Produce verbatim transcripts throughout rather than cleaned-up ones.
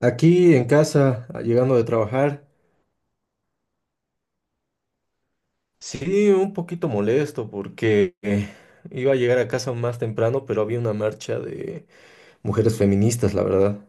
Aquí en casa, llegando de trabajar, sí, un poquito molesto porque eh, iba a llegar a casa más temprano, pero había una marcha de mujeres feministas, la verdad.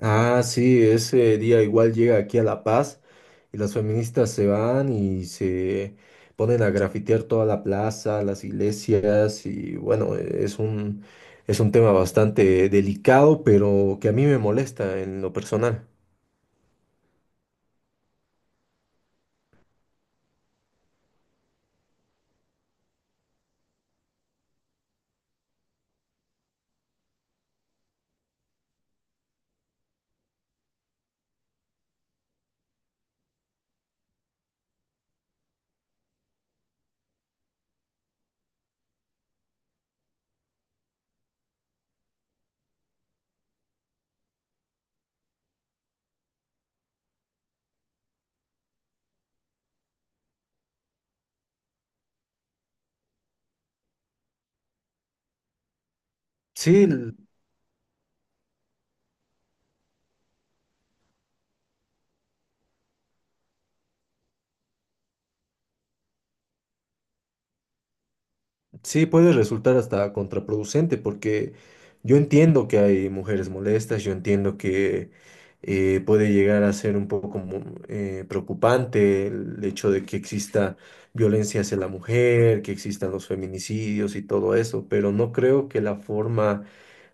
Ah, sí, ese día igual llega aquí a La Paz y las feministas se van y se ponen a grafitear toda la plaza, las iglesias y bueno, e, es un, es un tema bastante delicado, pero que a mí me molesta en lo personal. Sí. Sí, puede resultar hasta contraproducente porque yo entiendo que hay mujeres molestas, yo entiendo que eh, puede llegar a ser un poco mu- eh, preocupante el hecho de que exista violencia hacia la mujer, que existan los feminicidios y todo eso, pero no creo que la forma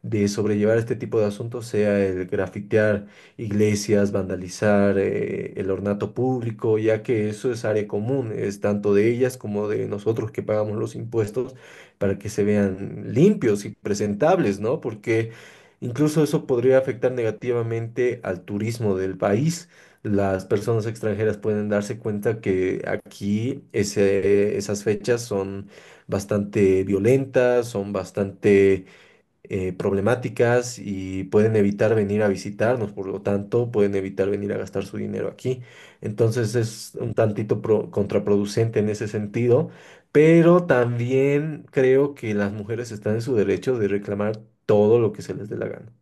de sobrellevar este tipo de asuntos sea el grafitear iglesias, vandalizar eh, el ornato público, ya que eso es área común, es tanto de ellas como de nosotros que pagamos los impuestos para que se vean limpios y presentables, ¿no? Porque incluso eso podría afectar negativamente al turismo del país. Las personas extranjeras pueden darse cuenta que aquí ese- esas fechas son bastante violentas, son bastante eh, problemáticas y pueden evitar venir a visitarnos, por lo tanto, pueden evitar venir a gastar su dinero aquí. Entonces es un tantito pro- contraproducente en ese sentido, pero también creo que las mujeres están en su derecho de reclamar todo lo que se les dé la gana.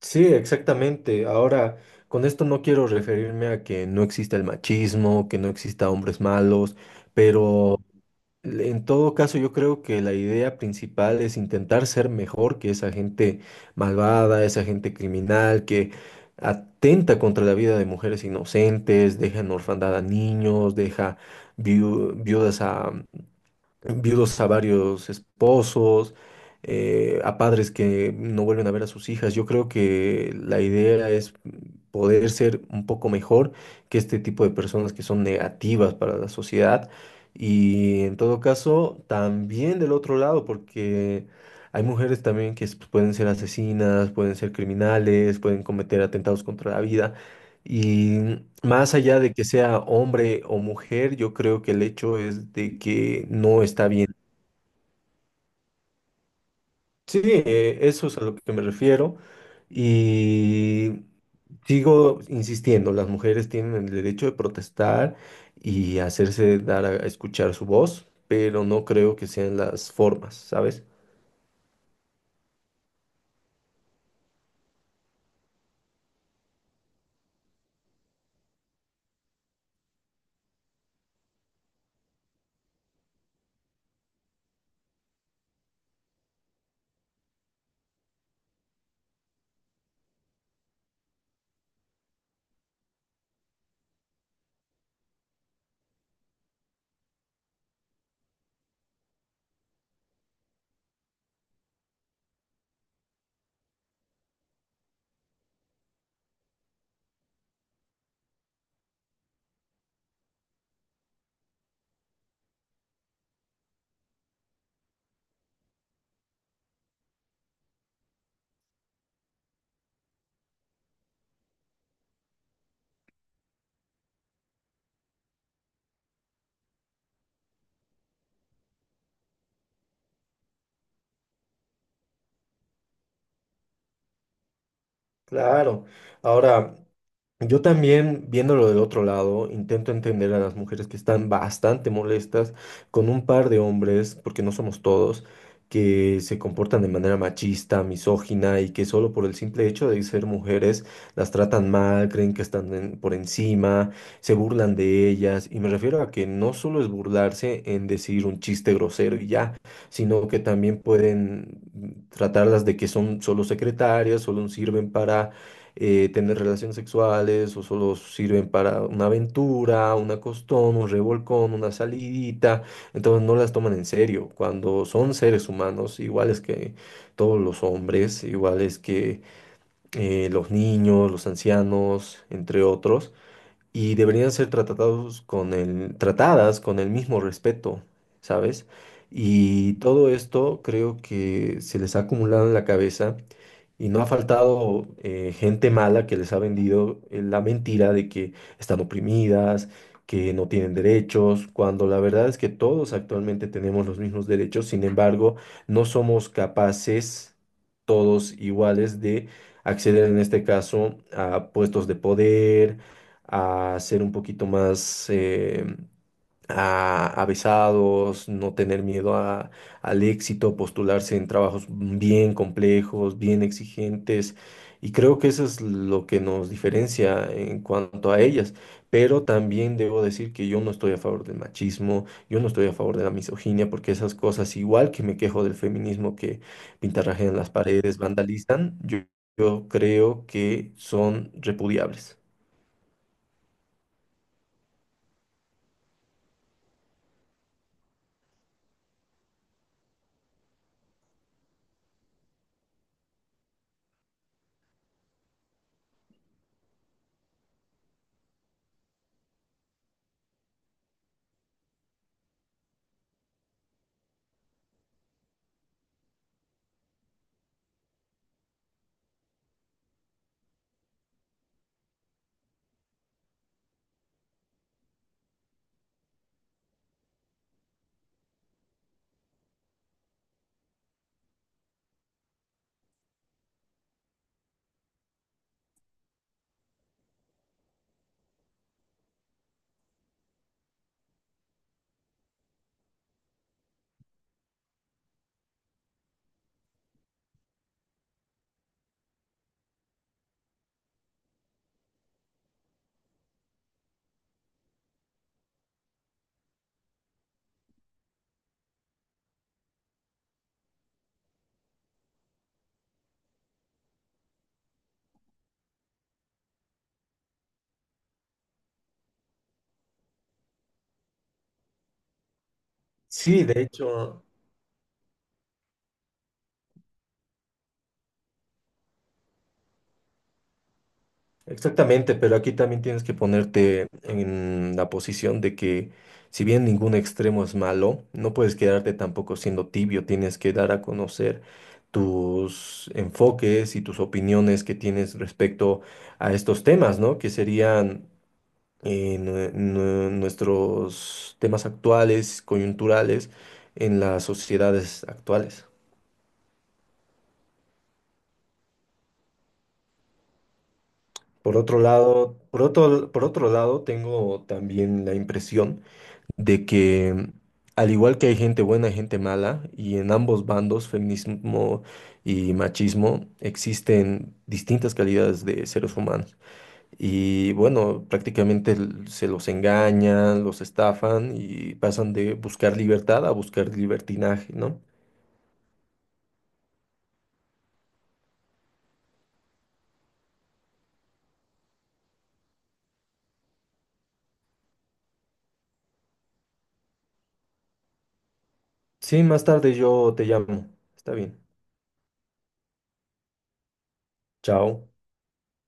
Sí, exactamente. Ahora, con esto no quiero referirme a que no exista el machismo, que no exista hombres malos, pero en todo caso, yo creo que la idea principal es intentar ser mejor que esa gente malvada, esa gente criminal que atenta contra la vida de mujeres inocentes, deja en orfandad a niños, deja viu- viudas a, viudos a varios esposos, eh, a padres que no vuelven a ver a sus hijas. Yo creo que la idea es poder ser un poco mejor que este tipo de personas que son negativas para la sociedad. Y en todo caso, también del otro lado, porque hay mujeres también que s- pueden ser asesinas, pueden ser criminales, pueden cometer atentados contra la vida. Y más allá de que sea hombre o mujer, yo creo que el hecho es de que no está bien. Sí, eh, eso es a lo que me refiero. Y sigo insistiendo, las mujeres tienen el derecho de protestar y hacerse dar a escuchar su voz, pero no creo que sean las formas, ¿sabes? Claro. Ahora, yo también, viéndolo del otro lado, intento entender a las mujeres que están bastante molestas con un par de hombres, porque no somos todos, que se comportan de manera machista, misógina y que solo por el simple hecho de ser mujeres las tratan mal, creen que están en- por encima, se burlan de ellas. Y me refiero a que no solo es burlarse en decir un chiste grosero y ya, sino que también pueden mm, tratarlas de que son solo secretarias, solo sirven para eh, tener relaciones sexuales o solo sirven para una aventura, una costón, un revolcón, una salidita. Entonces no las toman en serio. Cuando son seres humanos, iguales que todos los hombres, iguales que eh, los niños, los ancianos, entre otros, y deberían ser tratados con el, tratadas con el mismo respeto, ¿sabes? Y todo esto creo que se les ha acumulado en la cabeza y no ha faltado eh, gente mala que les ha vendido eh, la mentira de que están oprimidas, que no tienen derechos, cuando la verdad es que todos actualmente tenemos los mismos derechos, sin embargo, no somos capaces todos iguales de acceder en este caso a puestos de poder, a ser un poquito más eh, a, avesados, no tener miedo a- al éxito, postularse en trabajos bien complejos, bien exigentes. Y creo que eso es lo que nos diferencia en cuanto a ellas. Pero también debo decir que yo no estoy a favor del machismo, yo no estoy a favor de la misoginia, porque esas cosas, igual que me quejo del feminismo que pintarrajean las paredes, vandalizan, yo yo creo que son repudiables. Sí, de hecho. Exactamente, pero aquí también tienes que ponerte en la posición de que si bien ningún extremo es malo, no puedes quedarte tampoco siendo tibio, tienes que dar a conocer tus enfoques y tus opiniones que tienes respecto a estos temas, ¿no? Que serían eh, nue- nue- nuestros temas actuales, coyunturales en las sociedades actuales. Por otro lado, por otro, por otro lado, tengo también la impresión de que al igual que hay gente buena y gente mala, y en ambos bandos, feminismo y machismo, existen distintas calidades de seres humanos. Y bueno, prácticamente l- se los engañan, los estafan y pasan de buscar libertad a buscar libertinaje, ¿no? Sí, más tarde yo te llamo. Está bien. Chao.